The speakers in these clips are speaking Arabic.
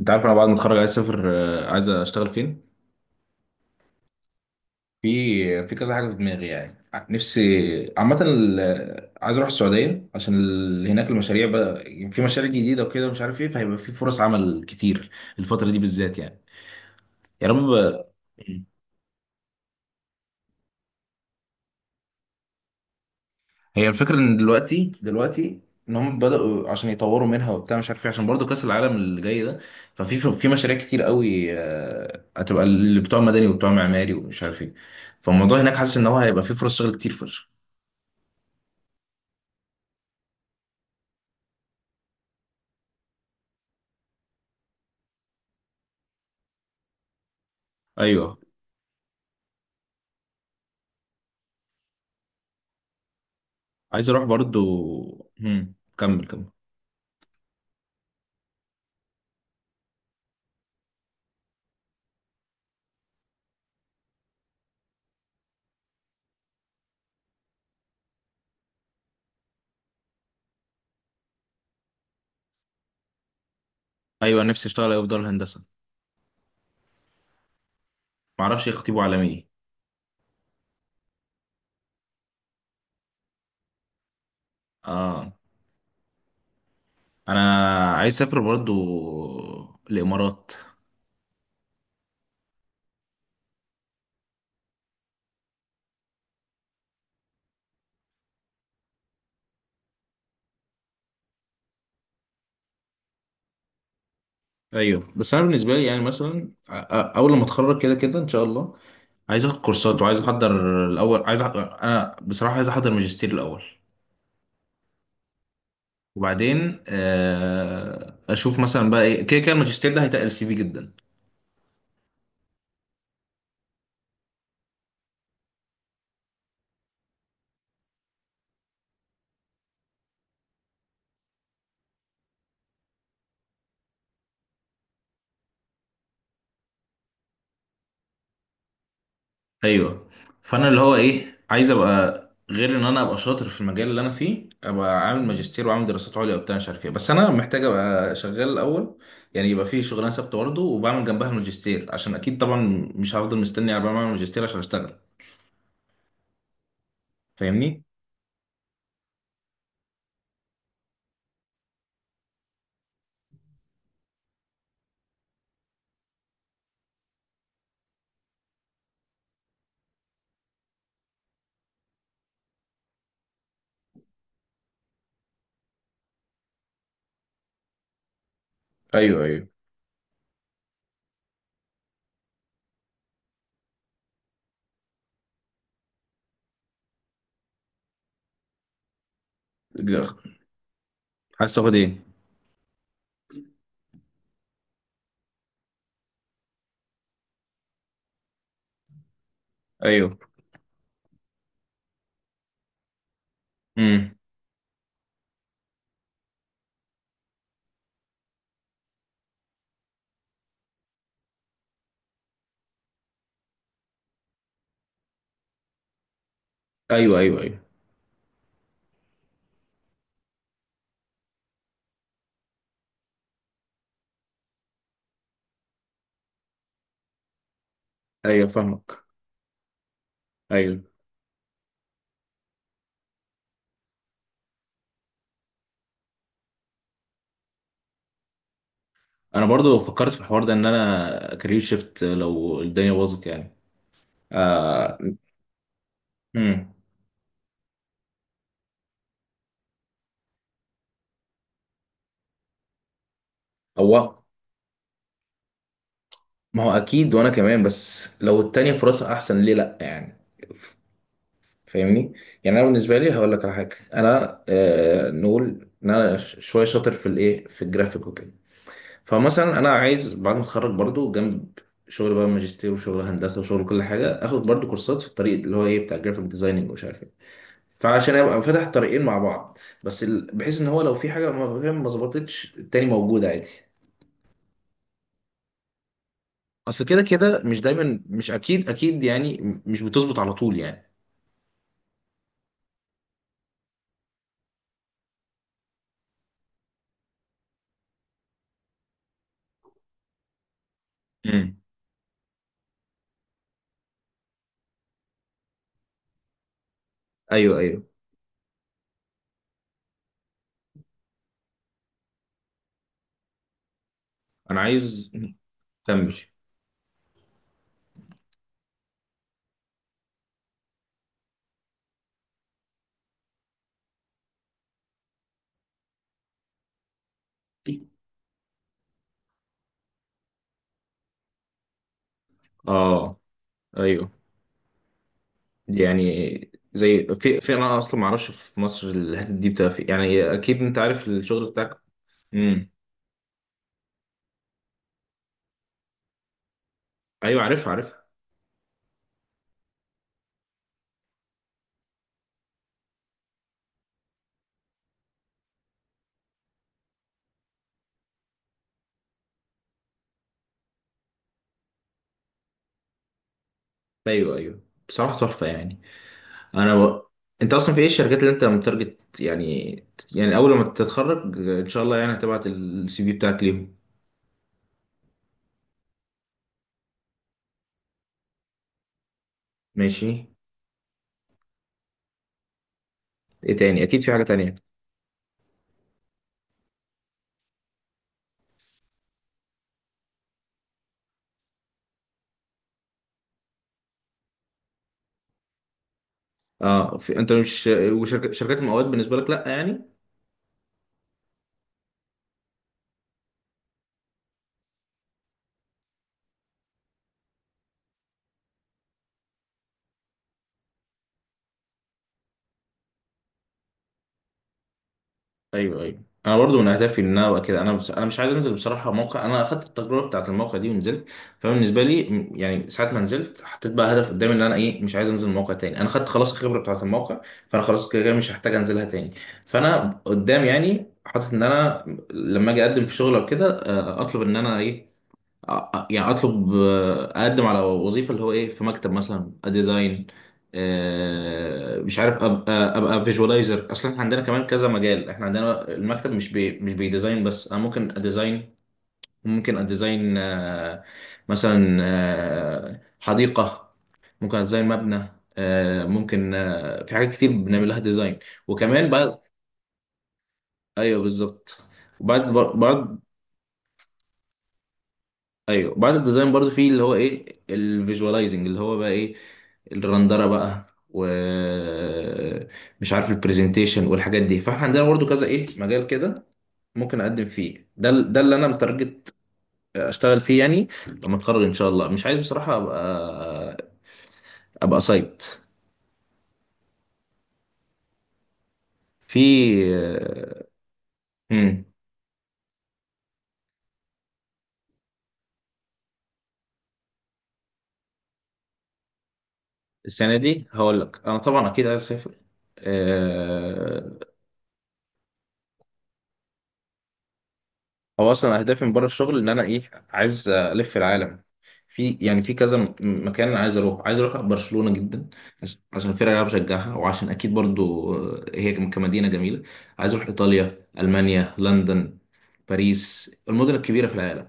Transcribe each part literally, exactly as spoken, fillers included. انت عارف انا بعد ما اتخرج عايز اسافر آه، عايز اشتغل فين. في في كذا حاجه في دماغي يعني ع- نفسي عامه ال- آه، عايز اروح السعوديه عشان ال- هناك المشاريع بقى. في مشاريع جديده وكده ومش عارف ايه، فهيبقى في فرص عمل كتير الفتره دي بالذات يعني. يا رب. هي الفكره ان دلوقتي دلوقتي ان هم بداوا عشان يطوروا منها وبتاع، مش عارف ايه، عشان برضو كاس العالم اللي جاي ده. ففي في مشاريع كتير قوي، آه، هتبقى اللي بتوع مدني وبتوع معماري ومش عارف ايه. فالموضوع هناك حاسس ان هو هيبقى فيه فرص شغل كتير. ايوه، عايز اروح برضو. هم. كمل كمل. ايوه، نفسي اشتغل ايه في دار الهندسه. معرفش ايه خطيبه على ايه. اه، انا عايز اسافر برضو الامارات. ايوه، بس انا بالنسبه لي يعني مثلا أ- أ- اول لما اتخرج كده كده ان شاء الله، عايز اخد كورسات وعايز احضر الاول. عايز أح... انا بصراحه عايز احضر ماجستير الاول، وبعدين آه، اشوف مثلا بقى ايه. كده كده الماجستير ده هيتقل سي في جدا. ايوه. فانا اللي هو ايه، عايز ابقى غير ان انا ابقى شاطر في المجال اللي انا فيه، ابقى عامل ماجستير وعامل دراسات عليا وبتاع مش عارف ايه، بس انا محتاج ابقى شغال الاول. يعني يبقى في شغلانه ثابته برضه وبعمل جنبها الماجستير، عشان اكيد طبعا مش هفضل مستني على ما اعمل ماجستير عشان اشتغل. فاهمني؟ ايوه ايوه. لا، عايز تاخد ايه؟ ايوه. امم. ايوه ايوه ايوه. ايوه فاهمك. ايوه، انا برضو فكرت في الحوار ده ان انا كارير شيفت لو الدنيا باظت يعني. آه. امم. هو ما هو اكيد، وانا كمان، بس لو التانية فرصة احسن ليه لا يعني. ف- فاهمني. يعني انا بالنسبة لي هقول لك على حاجة. انا آه نقول ان انا ش- شوية شاطر في الايه في الجرافيك وكده. فمثلا انا عايز بعد ما اتخرج، برضو جنب شغل بقى ماجستير وشغل هندسة وشغل كل حاجة، اخد برضو كورسات في الطريق اللي هو ايه بتاع الجرافيك ديزايننج ومش عارف ايه. فعشان ابقى فاتح طريقين مع بعض، بس ال... بحيث ان هو لو في حاجة ما فاهم ما ظبطتش، التاني موجود عادي. اصل كده كده مش دايما، مش اكيد اكيد يعني. مش بتظبط على طول يعني. امم. ايوه ايوه. انا عايز كمل. اه ايوه. يعني زي في في انا اصلا ما اعرفش في مصر الحتت دي بتبقى في، يعني اكيد انت عارف الشغل بتاعك. امم. ايوه عارفها عارفها. ايوه ايوه، بصراحه تحفه يعني. انا و... انت اصلا في ايه الشركات اللي انت متارجت يعني؟ يعني اول ما تتخرج ان شاء الله، يعني هتبعت السي في بتاعك ليهم. ماشي. ايه تاني؟ اكيد في حاجه تانية. اه، في، انت مش وشركات المقاولات بالنسبه لك لا يعني؟ ايوه ايوه، انا برضو من اهدافي ان انا ابقى كده. انا بس انا مش عايز انزل بصراحه موقع. انا اخدت التجربه بتاعت الموقع دي ونزلت. فبالنسبه لي م- يعني ساعه ما نزلت، حطيت بقى هدف قدامي ان انا ايه، مش عايز انزل موقع تاني. انا خدت خلاص الخبره بتاعت الموقع، فانا خلاص كده كده مش هحتاج انزلها تاني. فانا قدام يعني حاطط ان انا لما اجي اقدم في شغل او كده، آه، اطلب ان انا ايه، أ- يعني اطلب، آه، اقدم على وظيفه اللي هو ايه في مكتب مثلا ديزاين. مش عارف، ابقى ابقى فيجوالايزر. اصلا احنا عندنا كمان كذا مجال، احنا عندنا المكتب مش بي مش بيديزاين بس. انا ممكن اديزاين ممكن اديزاين آه، مثلا آه، حديقه. ممكن اديزاين مبنى. آه، ممكن آه، في حاجات كتير بنعمل لها ديزاين، وكمان بعد. ايوه بالظبط. وبعد بعد. ايوه، بعد الديزاين برضو في اللي هو ايه الفيجوالايزنج، اللي هو بقى ايه الرندره بقى، ومش عارف البرزنتيشن والحاجات دي. فاحنا عندنا برضو كذا ايه مجال كده، ممكن اقدم فيه. ده ال- ده اللي انا متارجت اشتغل فيه يعني لما اتخرج ان شاء الله. مش عايز بصراحه ابقى ابقى سايت في. امم. السنه دي هقول لك انا طبعا اكيد عايز اسافر. آه. هو اصلا اهدافي من بره الشغل ان انا ايه، عايز الف العالم. في يعني في كذا م- مكان أنا عايز اروح عايز اروح برشلونه جدا، عش- عشان الفرقه اللي انا بشجعها، وعشان اكيد برضو آه، هي كم- كمدينه جميله. عايز اروح ايطاليا، المانيا، لندن، باريس، المدن الكبيره في العالم.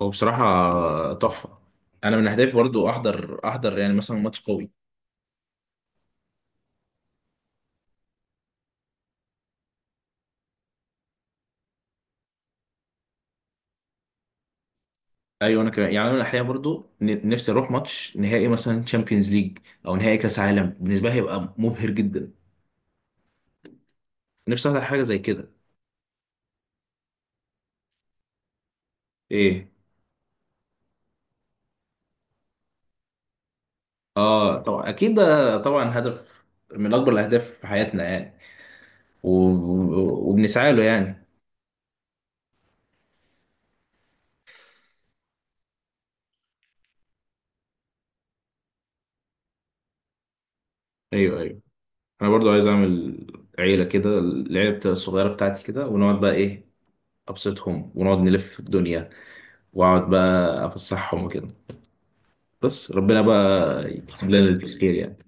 وبصراحه آه، تحفه. انا من اهدافي برضو احضر احضر يعني مثلا ماتش قوي. ايوه انا كمان يعني، انا احيانا برضو ن- نفسي اروح ماتش نهائي مثلا تشامبيونز ليج، او نهائي كاس عالم. بالنسبه لي هيبقى مبهر جدا. نفسي احضر حاجه زي كده. ايه؟ اه طبعا اكيد ده. طبعا هدف من اكبر الاهداف في حياتنا يعني، و... و- وبنسعى له يعني. ايوه ايوه، انا برضو عايز اعمل عيله كده، العيله بتا- الصغيره بتاعتي كده. ونقعد بقى ايه، ابسطهم ونقعد نلف الدنيا، واقعد بقى افسحهم وكده. بس ربنا بقى يكتب لنا الخير يعني.